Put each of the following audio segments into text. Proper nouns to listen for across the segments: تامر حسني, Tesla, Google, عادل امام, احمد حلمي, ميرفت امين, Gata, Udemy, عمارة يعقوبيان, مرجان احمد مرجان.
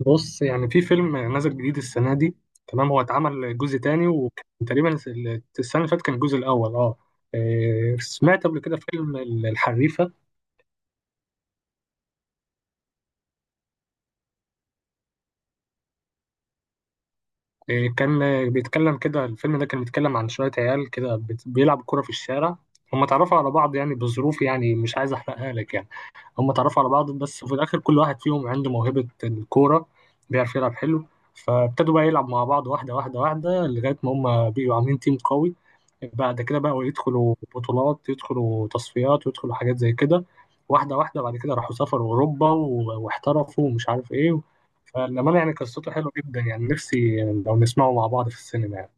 بص يعني في فيلم نازل جديد السنة دي. تمام، هو اتعمل جزء تاني وكان تقريبا السنة اللي فاتت كان الجزء الأول اه. إيه، سمعت قبل كده فيلم الحريفة. إيه، كان بيتكلم كده. الفيلم ده كان بيتكلم عن شوية عيال كده بيلعبوا كرة في الشارع. هم اتعرفوا على بعض يعني بظروف، يعني مش عايز أحرقها لك يعني. هم اتعرفوا على بعض بس في الاخر كل واحد فيهم عنده موهبة الكورة، بيعرف يلعب حلو. فابتدوا بقى يلعب مع بعض واحدة واحدة واحدة لغاية ما هم بقوا عاملين تيم قوي. بعد كده بقوا يدخلوا بطولات، يدخلوا تصفيات، ويدخلوا حاجات زي كده. واحدة واحدة بعد كده راحوا سافروا أوروبا واحترفوا ومش عارف إيه. فالأمانة يعني قصته حلوة جدا، يعني نفسي لو نسمعه مع بعض في السينما يعني.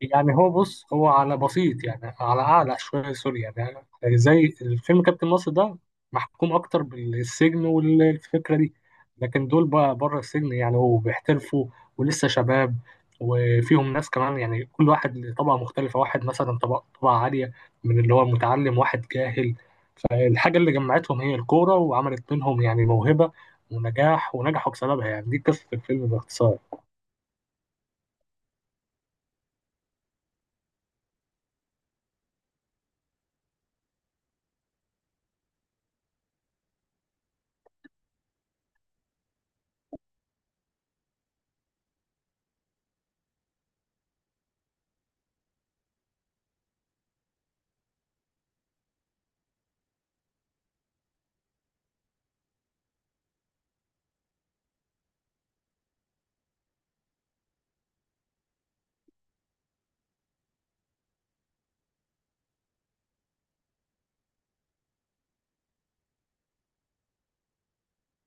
يعني هو بص، هو على بسيط يعني، على اعلى شويه، سوري، يعني يعني زي الفيلم كابتن مصر ده محكوم اكتر بالسجن والفكره دي. لكن دول بقى بره السجن يعني وبيحترفوا ولسه شباب. وفيهم ناس كمان، يعني كل واحد له طبقه مختلفه، واحد مثلا طبقه عاليه من اللي هو متعلم، واحد جاهل. فالحاجه اللي جمعتهم هي الكوره، وعملت منهم يعني موهبه ونجاح، ونجحوا بسببها، يعني دي قصه الفيلم باختصار.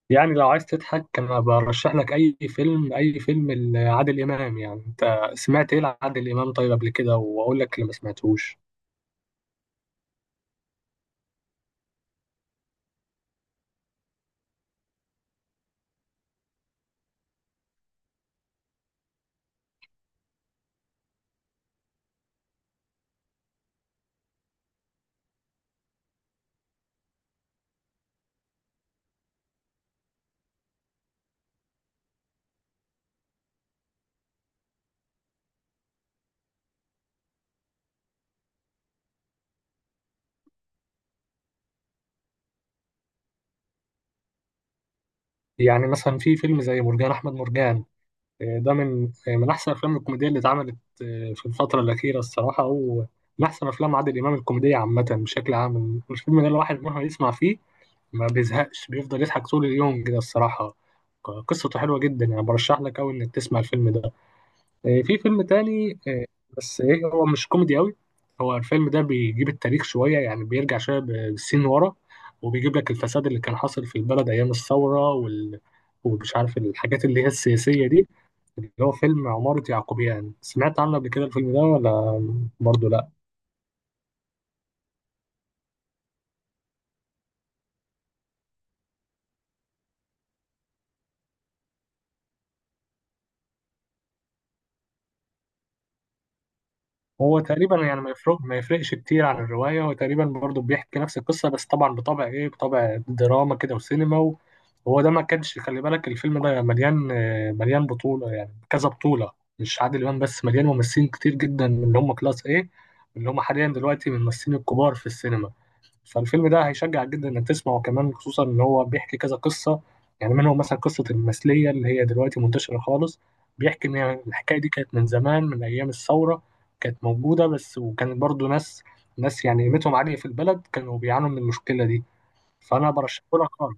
يعني لو عايز تضحك انا برشح لك اي فيلم، اي فيلم لعادل امام، يعني انت سمعت ايه لعادل امام طيب قبل كده واقول لك اللي ما سمعتوش. يعني مثلا في فيلم زي مرجان احمد مرجان، إيه، ده من إيه، من احسن افلام الكوميديا اللي اتعملت إيه، في الفتره الاخيره الصراحه، ومن احسن افلام عادل امام الكوميديه عامه بشكل عام. الفيلم ده الواحد مهما يسمع فيه ما بيزهقش، بيفضل يضحك طول اليوم كده الصراحه. قصته حلوه جدا يعني، برشح لك قوي انك تسمع الفيلم ده. في فيلم تاني بس ايه هو مش كوميدي قوي. هو الفيلم ده بيجيب التاريخ شوية يعني، بيرجع شوية بالسين ورا، وبيجيب لك الفساد اللي كان حاصل في البلد أيام الثورة، ومش عارف الحاجات اللي هي السياسية دي. اللي هو فيلم عمارة يعقوبيان، سمعت عنه قبل كده الفيلم ده ولا؟ برضه لأ؟ هو تقريبا يعني ما يفرقش كتير عن الرواية، هو تقريبا برضه بيحكي نفس القصة، بس طبعا بطبع ايه، بطبع دراما كده وسينما وهو ده. ما كانش خلي بالك، الفيلم ده مليان مليان بطولة، يعني كذا بطولة، مش عادل إمام بس، مليان ممثلين كتير جدا من اللي هم كلاس ايه، اللي هم حاليا دلوقتي من الممثلين الكبار في السينما. فالفيلم ده هيشجع جدا انك تسمعه كمان، خصوصا ان هو بيحكي كذا قصه. يعني منهم مثلا قصه المثليه اللي هي دلوقتي منتشره خالص، بيحكي ان الحكايه دي كانت من زمان، من ايام الثوره، كانت موجوده بس، وكانت برضو ناس يعني قيمتهم عاليه في البلد كانوا بيعانوا من المشكله دي. فانا برشحه لك خالص.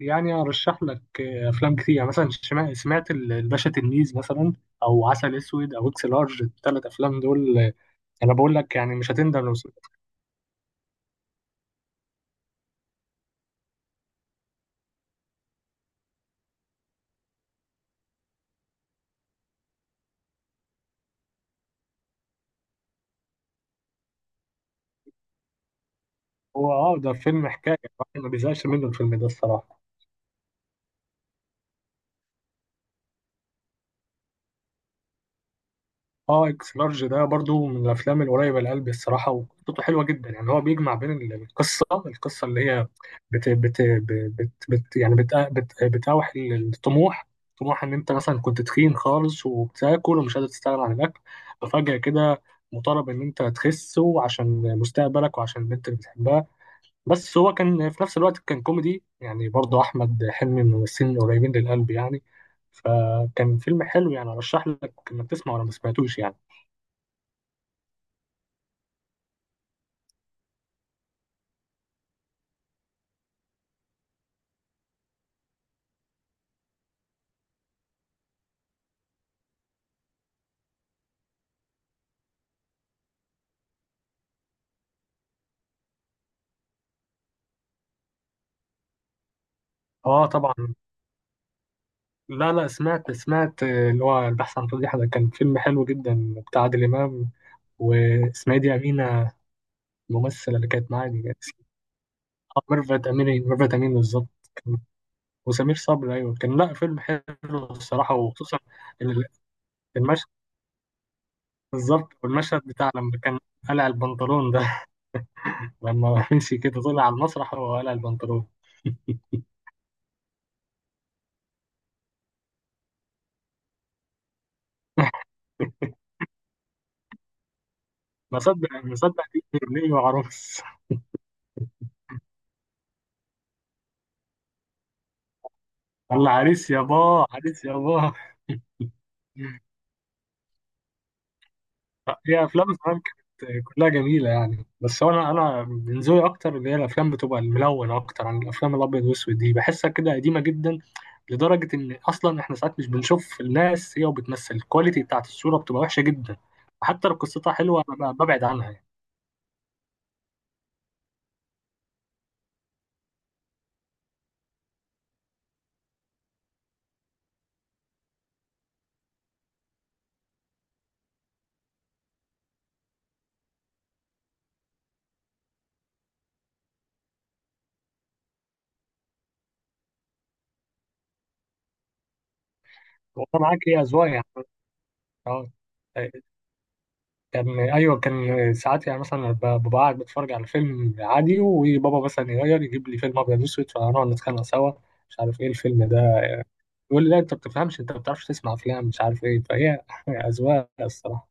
يعني ارشح لك افلام كتير، يعني مثلا سمعت الباشا تلميذ مثلا، او عسل اسود، او اكس لارج، الثلاث افلام دول انا بقول لك يعني مش هتندم لو. هو ده فيلم، حكاية الواحد ما بيزهقش منه الفيلم ده الصراحة. اه، اكس لارج ده برضو من الافلام القريبة لقلبي الصراحة، وقصته حلوة جدا، يعني هو بيجمع بين القصة، اللي هي بت بت بت, بت يعني بت بت بتاوح الطموح. طموح ان انت مثلا كنت تخين خالص وبتاكل ومش قادر تستغنى عن الاكل، ففجأة كده مطالب ان انت تخس، وعشان مستقبلك وعشان البنت اللي بتحبها. بس هو كان في نفس الوقت كان كوميدي، يعني برضو احمد حلمي من الممثلين القريبين للقلب يعني. فكان فيلم حلو، يعني ارشح لك انك تسمعه لو ما سمعتوش يعني. اه، طبعا. لا لا، سمعت، اللي هو البحث عن ترجيح، ده كان فيلم حلو جدا بتاع عادل امام. واسمها إيه دي، امينه؟ الممثله اللي كانت معايا دي كانت آه، ميرفت امين، ميرفت امين بالظبط. كان- وسمير صبري، ايوه كان، لا فيلم حلو الصراحه، وخصوصا ال- المشهد بالظبط، والمشهد بتاع لما كان قلع البنطلون ده. لما مشي كده طلع على المسرح وهو قلع البنطلون. ما صدق ما صدق دي ابني وعروس. الله، عريس يابا، عريس يابا. هي افلام زمان كانت كلها جميله يعني، بس هو انا من ذوقي اكتر اللي هي الافلام بتبقى الملونه اكتر عن الافلام الابيض والاسود دي، بحسها كده قديمه جدا. لدرجه ان اصلا احنا ساعات مش بنشوف الناس هي وبتمثل، الكواليتي بتاعت الصوره بتبقى وحشه جدا. حتى لو قصتها حلوه انا ببعد عنها يعني. والله معاك، هي اذواق يعني. اه. كان، ايوه، كان ساعات يعني مثلا ببقى قاعد بتفرج على فيلم عادي، وبابا مثلا يغير يجيب لي فيلم ابيض واسود، فنقعد نتخانق سوا، مش عارف ايه الفيلم ده. يقول لي لا انت ما بتفهمش، انت ما بتعرفش تسمع افلام مش عارف ايه، فهي اذواق الصراحه.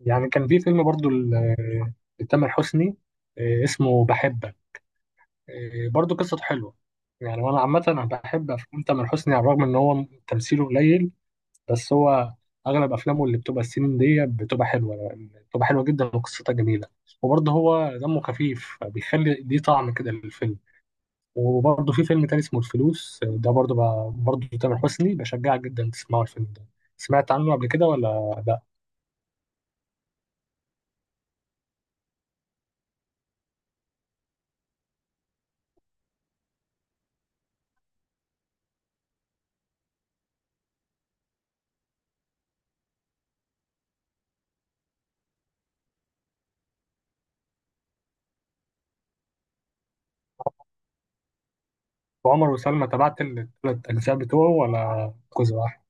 يعني كان في فيلم برضو لتامر حسني، اسمه بحبك، برضو قصته حلوه. يعني وانا عامه انا بحب افلام تامر حسني على الرغم ان هو تمثيله قليل، بس هو اغلب افلامه اللي بتبقى السنين دي بتبقى حلوه، بتبقى حلوه جدا وقصتها جميله. وبرضه هو دمه خفيف بيخلي دي طعم كده للفيلم. وبرضه في فيلم تاني اسمه الفلوس، ده برضه تامر حسني، بشجعك جدا تسمعوا الفيلم ده، سمعت عنه قبل كده ولا لا؟ وعمر وسلمى تابعت الثلاث اجزاء بتوعه ولا جزء واحد؟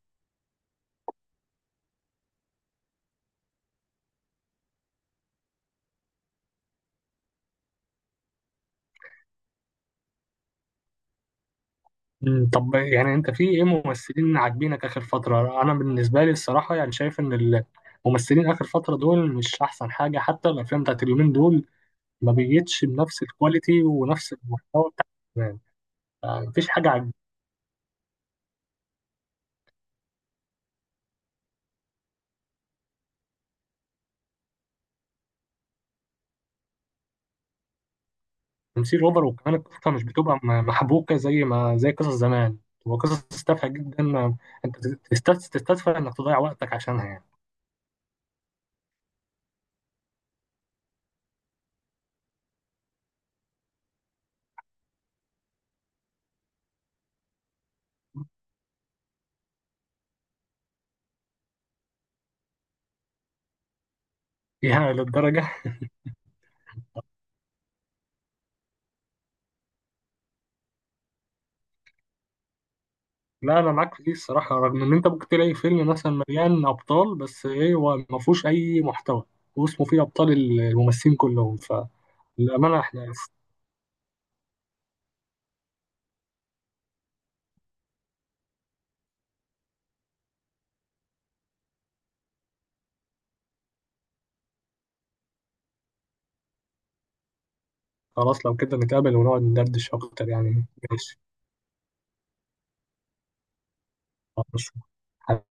مم، طب يعني انت في ايه ممثلين عاجبينك اخر فتره؟ انا بالنسبه لي الصراحه يعني شايف ان ممثلين اخر فتره دول مش احسن حاجه، حتى الافلام بتاعت اليومين دول ما بيجيتش بنفس الكواليتي ونفس المحتوى بتاع زمان. مفيش حاجة. عن تمثيل أوفر، وكمان القصة مش بتبقى محبوكة زي ما زي قصص زمان، بتبقى قصص تافهة جدا، أنت تستدفى إنك تضيع وقتك عشانها يعني. يا للدرجة. لا، أنا معاك في دي الصراحة، رغم إن أنت ممكن تلاقي فيلم مثلا مليان أبطال بس إيه، هو ما فيهوش أي محتوى. واسمه فيه أبطال، الممثلين كلهم. فالأمانة إحنا. خلاص، لو كده نتقابل ونقعد ندردش أكتر يعني، ماشي. خلاص.